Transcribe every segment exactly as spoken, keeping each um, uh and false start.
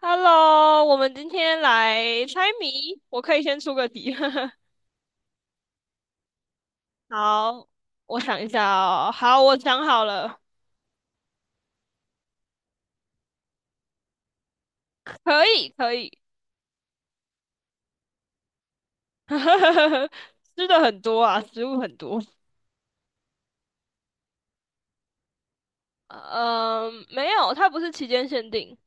Hello,我们今天来猜谜，我可以先出个题。好，我想一下哦。好，我想好了，可以，可以。吃的很多啊，食物很多。嗯，没有，它不是期间限定，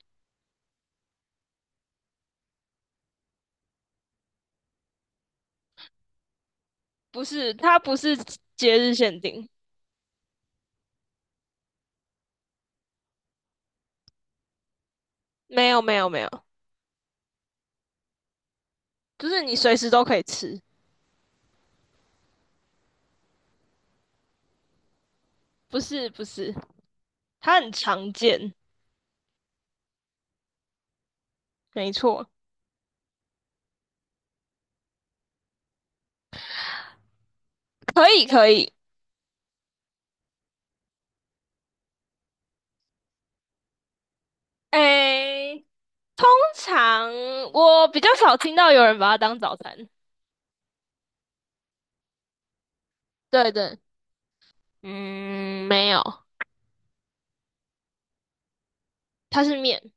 不是，它不是节日限定，没有，没有，没有，就是你随时都可以吃。不是，不是，它很常见，没错，可以，可以。诶。通常我比较少听到有人把它当早餐。对对，嗯，没有，它是面，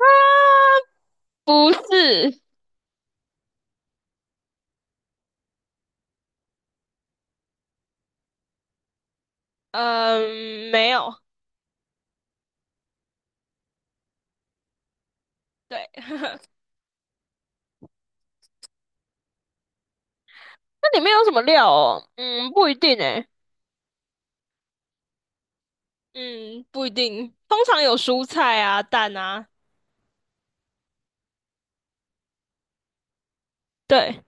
啊，不是，嗯，没有。对，那里面有什么料哦？嗯，不一定诶。嗯，不一定。通常有蔬菜啊、蛋啊。对，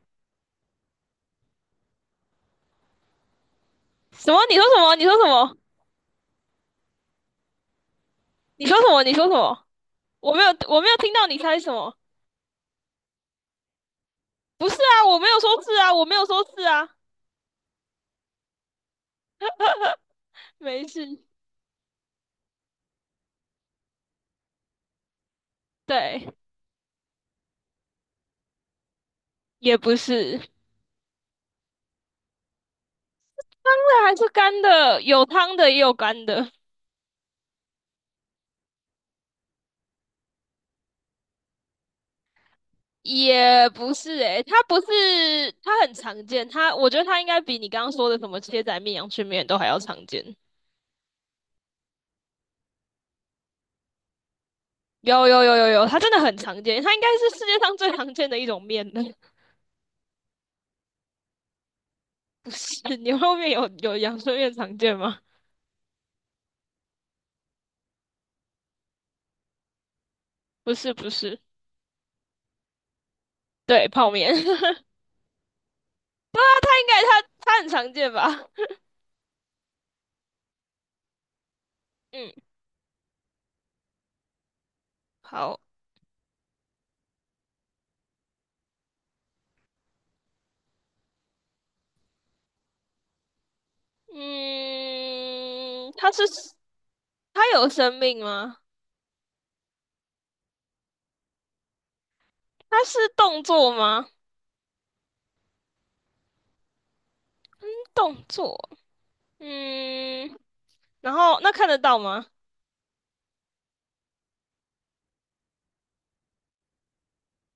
什么？你说什么？你说什么？你说什么？你说什么？我没有，我没有听到你猜什么。不是啊，我没有说是啊，我没有说是啊。没事。对，也不是。还是干的，有汤的也有干的，也不是诶、它不是，它很常见，它我觉得它应该比你刚刚说的什么切仔面、阳春面都还要常见。有有有有有，它真的很常见，它应该是世界上最常见的一种面了。不是牛肉面有有阳春面常见吗？不是不是，对，泡面。对啊，它应该它它很常见吧？嗯，好，嗯，它是它有生命吗？它是动作吗？动作，嗯，然后那看得到吗？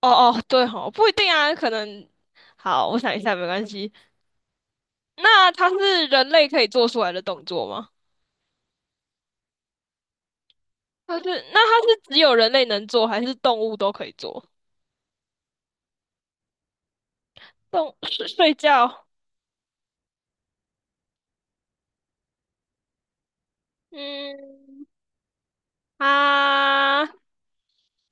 哦哦，对哦，不一定啊，可能。好，我想一下，没关系。那它是人类可以做出来的动作吗？它是，那它是只有人类能做，还是动物都可以做？动，睡睡觉，嗯，它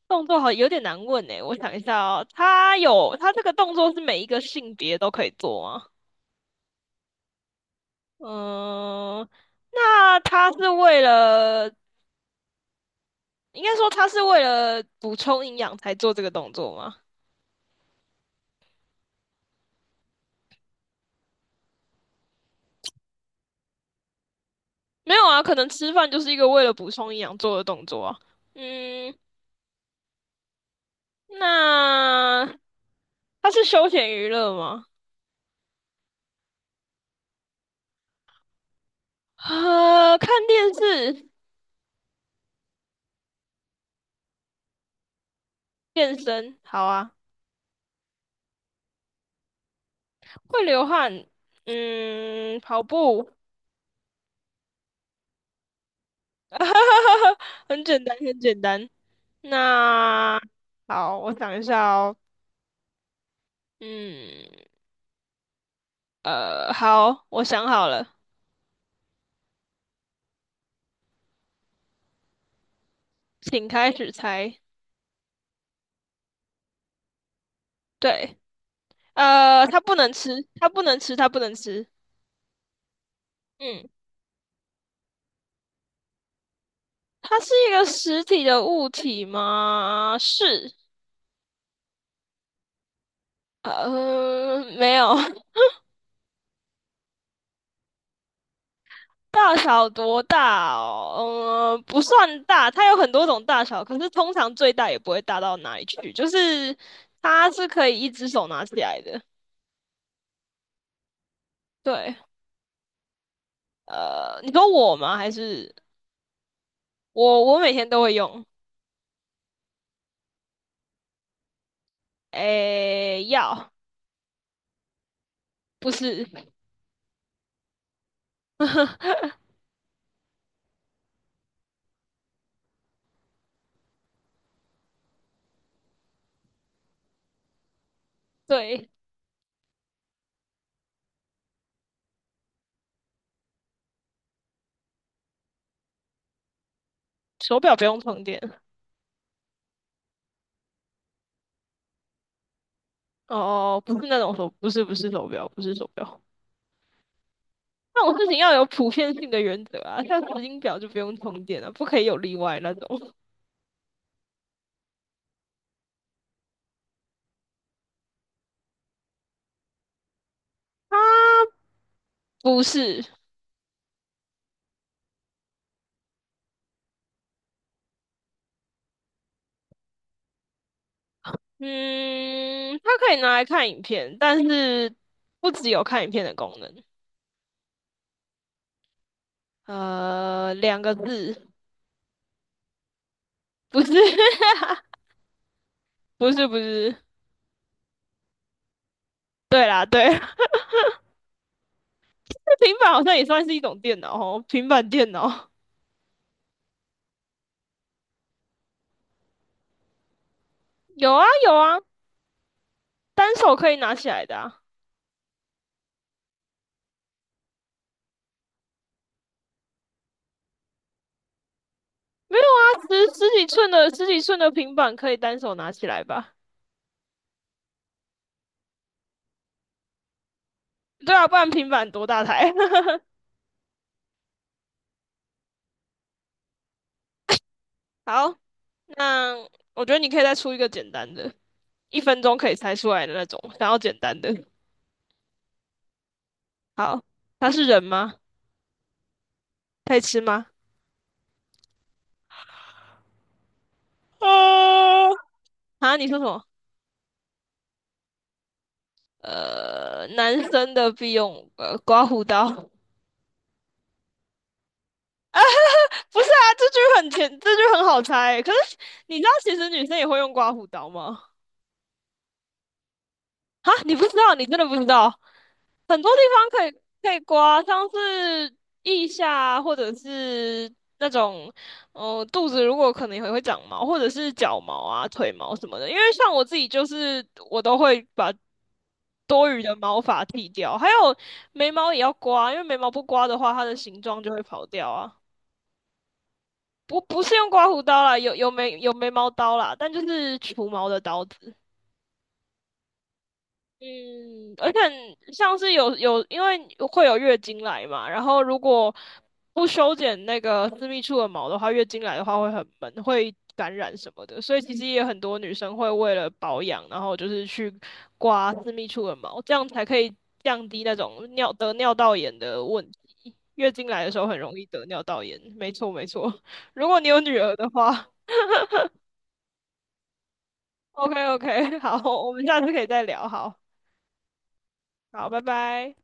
动作好有点难问诶，我想一下哦，它有，它这个动作是每一个性别都可以做吗？嗯，那它是为了应该说他是为了补充营养才做这个动作吗？没有啊，可能吃饭就是一个为了补充营养做的动作啊。嗯，那它是休闲娱乐吗？呃，看电视、健身，好啊。会流汗，嗯，跑步，很简单，很简单。那好，我想一下哦。嗯，呃，好，我想好了，请开始猜。对。呃，它不能吃，它不能吃，它不能吃。嗯，它是一个实体的物体吗？是。呃，没有。大小多大哦？呃，不算大，它有很多种大小，可是通常最大也不会大到哪里去，就是它是可以一只手拿起来的。对，呃，你说我吗？还是我？我每天都会用。诶，要，不是，对，手表不用充电。哦，哦哦不是那种手，不是不是手表，不是手表。那种事情要有普遍性的原则啊，像时间表就不用充电了，不可以有例外那种。它不是，嗯，它可以拿来看影片，但是不只有看影片的功能。呃，两个字，不是，不是，不是。对啦，对，那平板好像也算是一种电脑哦，平板电脑有啊有啊，单手可以拿起来的啊。没有啊，十十几寸的十几寸的平板可以单手拿起来吧？对啊，不然平板多大台？好，那我觉得你可以再出一个简单的，一分钟可以猜出来的那种，想要简单的。好，它是人吗？可以吃吗？呃，啊，你说什么？呃，男生的必用呃刮胡刀，不是啊，这句很简，这句很好猜。可是你知道，其实女生也会用刮胡刀吗？啊，你不知道，你真的不知道。很多地方可以可以刮，像是腋下啊或者是那种，呃，肚子如果可能也会长毛，或者是脚毛啊、腿毛什么的。因为像我自己就是我都会把多余的毛发剃掉，还有眉毛也要刮，因为眉毛不刮的话，它的形状就会跑掉啊。不不是用刮胡刀啦，有有眉有眉毛刀啦，但就是除毛的刀子。嗯，而且像是有有，因为会有月经来嘛，然后如果不修剪那个私密处的毛的话，月经来的话会很闷，会感染什么的，所以其实也有很多女生会为了保养，然后就是去刮私密处的毛，这样才可以降低那种尿得尿道炎的问题。月经来的时候很容易得尿道炎，没错没错。如果你有女儿的话，OK OK,好，我们下次可以再聊，好好，拜拜。